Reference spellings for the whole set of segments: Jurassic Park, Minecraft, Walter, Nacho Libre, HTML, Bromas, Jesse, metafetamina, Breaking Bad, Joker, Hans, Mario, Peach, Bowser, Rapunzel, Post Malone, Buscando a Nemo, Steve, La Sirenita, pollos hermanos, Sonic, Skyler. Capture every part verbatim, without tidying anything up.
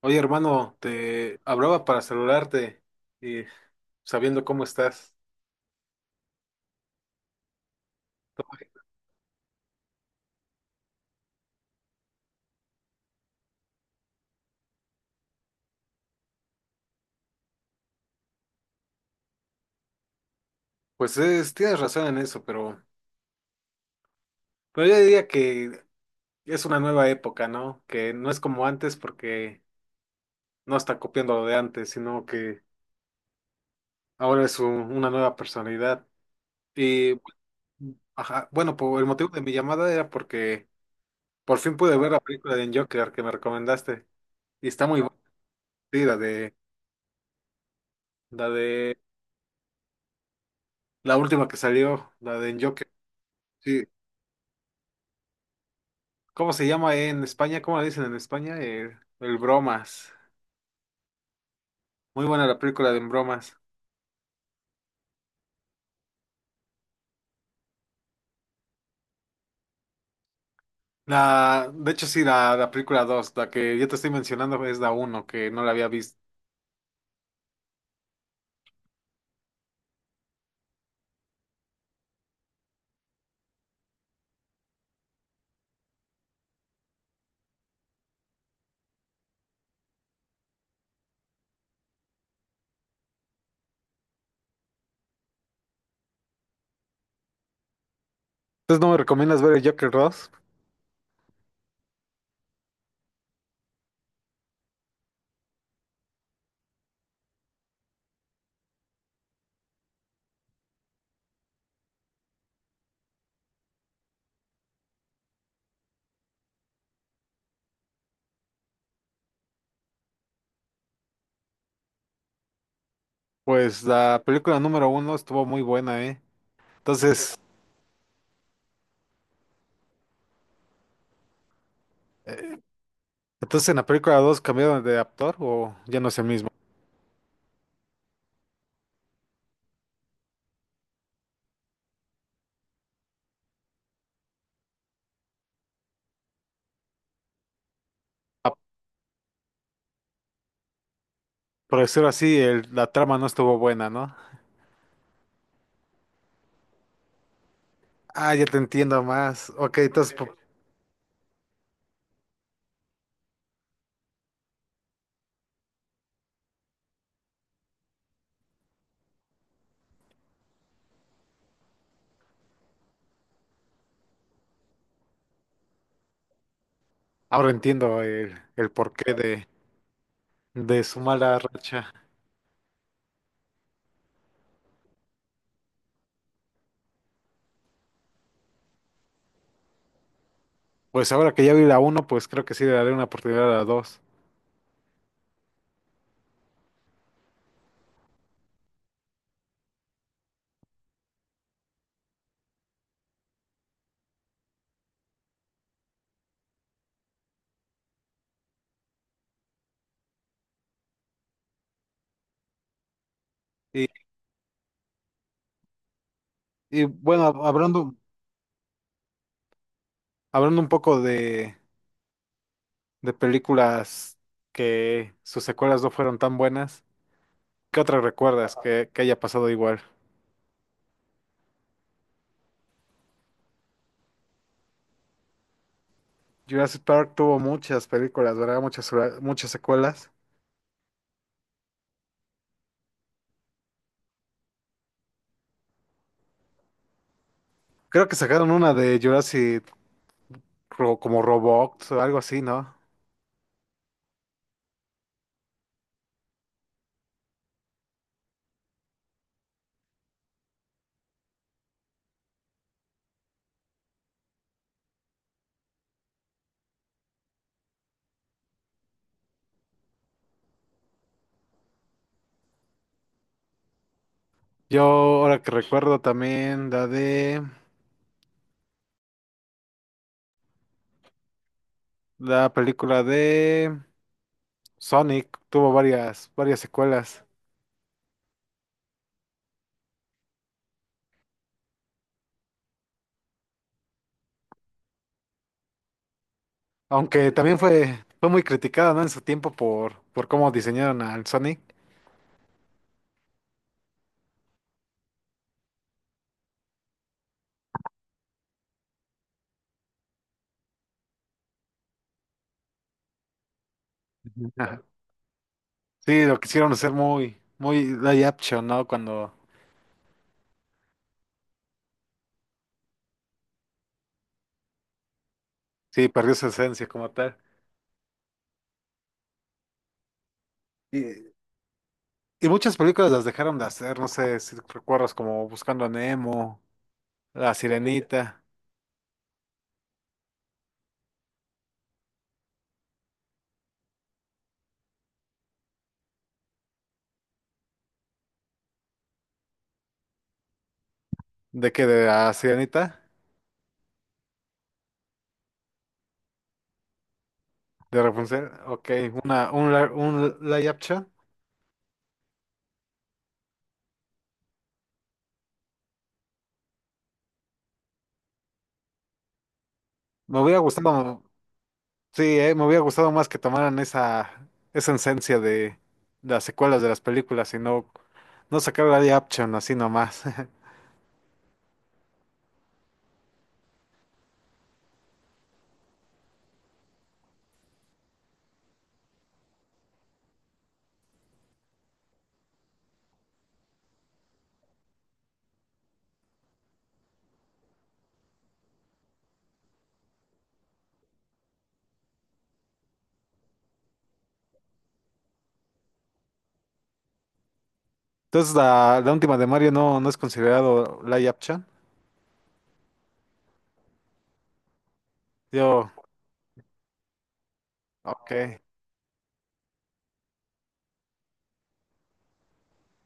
Oye, hermano, te hablaba para saludarte y sabiendo cómo estás. Pues es- tienes razón en eso, pero, pero yo diría que es una nueva época, ¿no? Que no es como antes porque no está copiando lo de antes, sino que ahora es un- una nueva personalidad. Y bueno, ajá, bueno, por el motivo de mi llamada era porque por fin pude ver la película de Joker que me recomendaste. Y está muy buena, sí, la de, la de la última que salió, la de Joker. Sí. ¿Cómo se llama en España? ¿Cómo la dicen en España? El, el Bromas. Muy buena la película de Bromas. La, de hecho, sí, la, la película dos, la que yo te estoy mencionando es la uno que no la había visto. Entonces, ¿no me recomiendas ver el Joker dos? Pues la película número uno estuvo muy buena, ¿eh? Entonces, eh, entonces ¿en la película dos cambiaron de actor o ya no es el mismo? Ah, por decirlo así, el- la trama no estuvo buena, ¿no? Ah, ya te entiendo más. Ok, entonces po- ahora entiendo el, el porqué de, de su mala racha. Pues ahora que ya vi la uno, pues creo que sí le daré una oportunidad a la dos. Y, y bueno, hab- hablando, hablando un poco de, de películas que sus secuelas no fueron tan buenas, ¿qué otras recuerdas que, que haya pasado igual? Jurassic Park tuvo muchas películas, ¿verdad? Muchas, sura- muchas secuelas. Creo que sacaron una de Jurassic ro- como Robot o algo así, ¿no? Yo ahora que recuerdo también la de la película de Sonic, tuvo varias, varias secuelas. Aunque también fue, fue muy criticada, ¿no? En su tiempo por, por cómo diseñaron al Sonic. Ujú. Ajá. Sí, lo quisieron hacer muy, muy live action, ¿no? Cuando sí, perdió su esencia como tal. Y, y muchas películas las dejaron de hacer, no sé si recuerdas como Buscando a Nemo, La Sirenita. ¿De qué? ¿De la Sirenita? ¿De Rapunzel? Ok, una, un, la- un live action. Me hubiera gustado. Sí, eh, me hubiera gustado más que tomaran esa, esa esencia de las secuelas de las películas y no, no sacar live action así nomás. Entonces, la, la última de Mario no, no es considerado live action. Yo, ok.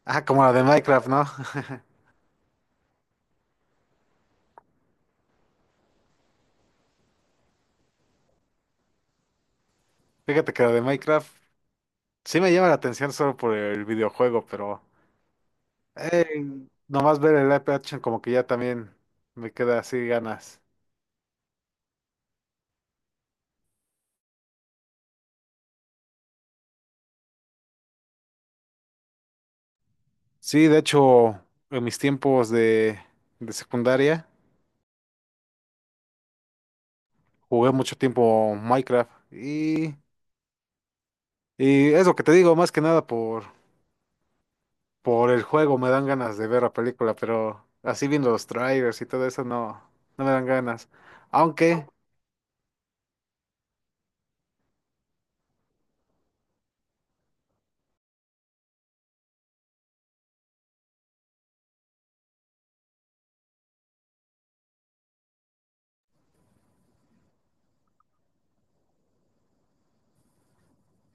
Ah, como la de Minecraft, ¿no? Fíjate que la de Minecraft sí me llama la atención solo por el videojuego, pero eh, nomás ver el live action como que ya también me queda así ganas. Sí, de hecho, en mis tiempos de, de secundaria. Jugué mucho tiempo Minecraft y, y es lo que te digo, más que nada por, por el juego me dan ganas de ver la película, pero así viendo los trailers y todo eso no, no me dan ganas. Aunque,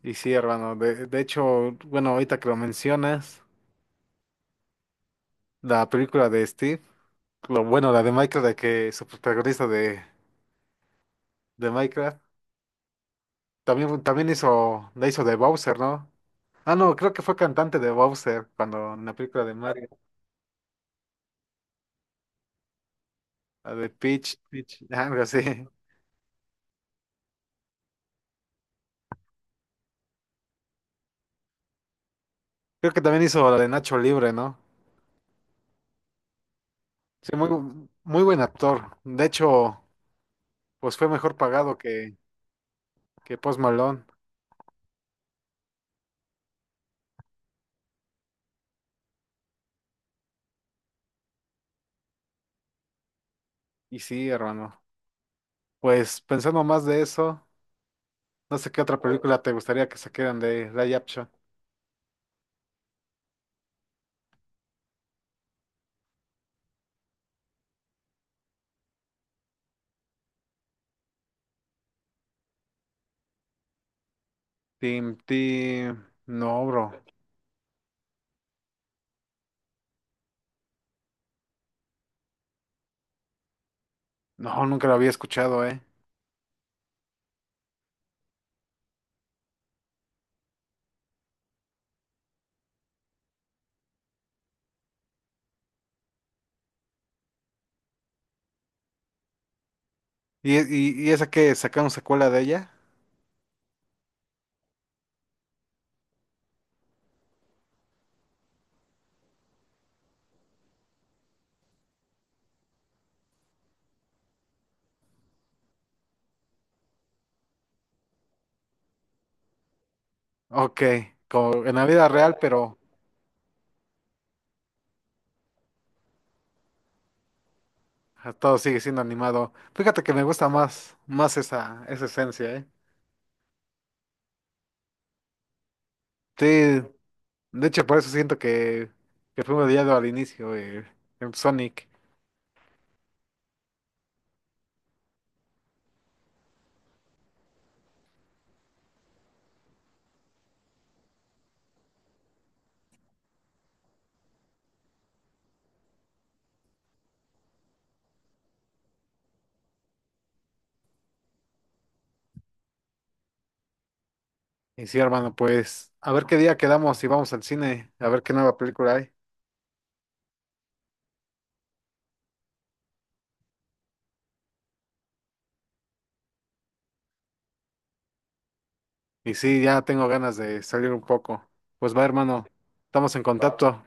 y sí, hermano, de, de hecho, bueno, ahorita que lo mencionas, la película de Steve, lo bueno, la de Minecraft, de que su protagonista de, de Minecraft, también, también hizo, la hizo de Bowser, ¿no? Ah, no, creo que fue cantante de Bowser cuando en la película de Mario, la de Peach, Peach, algo así. Creo que también hizo la de Nacho Libre, ¿no? Sí, muy, muy buen actor. De hecho, pues fue mejor pagado que, que Post Malone. Y sí, hermano. Pues pensando más de eso, no sé qué otra película te gustaría que saquieran de Live Action. Tim, Tim. No, bro. No, nunca la había escuchado, ¿eh? ¿Y, y, y esa que sacaron secuela de ella? Ok, como en la vida real, pero todo sigue siendo animado. Fíjate que me gusta más, más esa, esa esencia, ¿eh? Sí, de hecho, por eso siento que, que fuimos odiado al inicio, eh, en Sonic. Y sí, hermano, pues a ver qué día quedamos y vamos al cine, a ver qué nueva película hay. Y sí, ya tengo ganas de salir un poco. Pues va, hermano, estamos en contacto.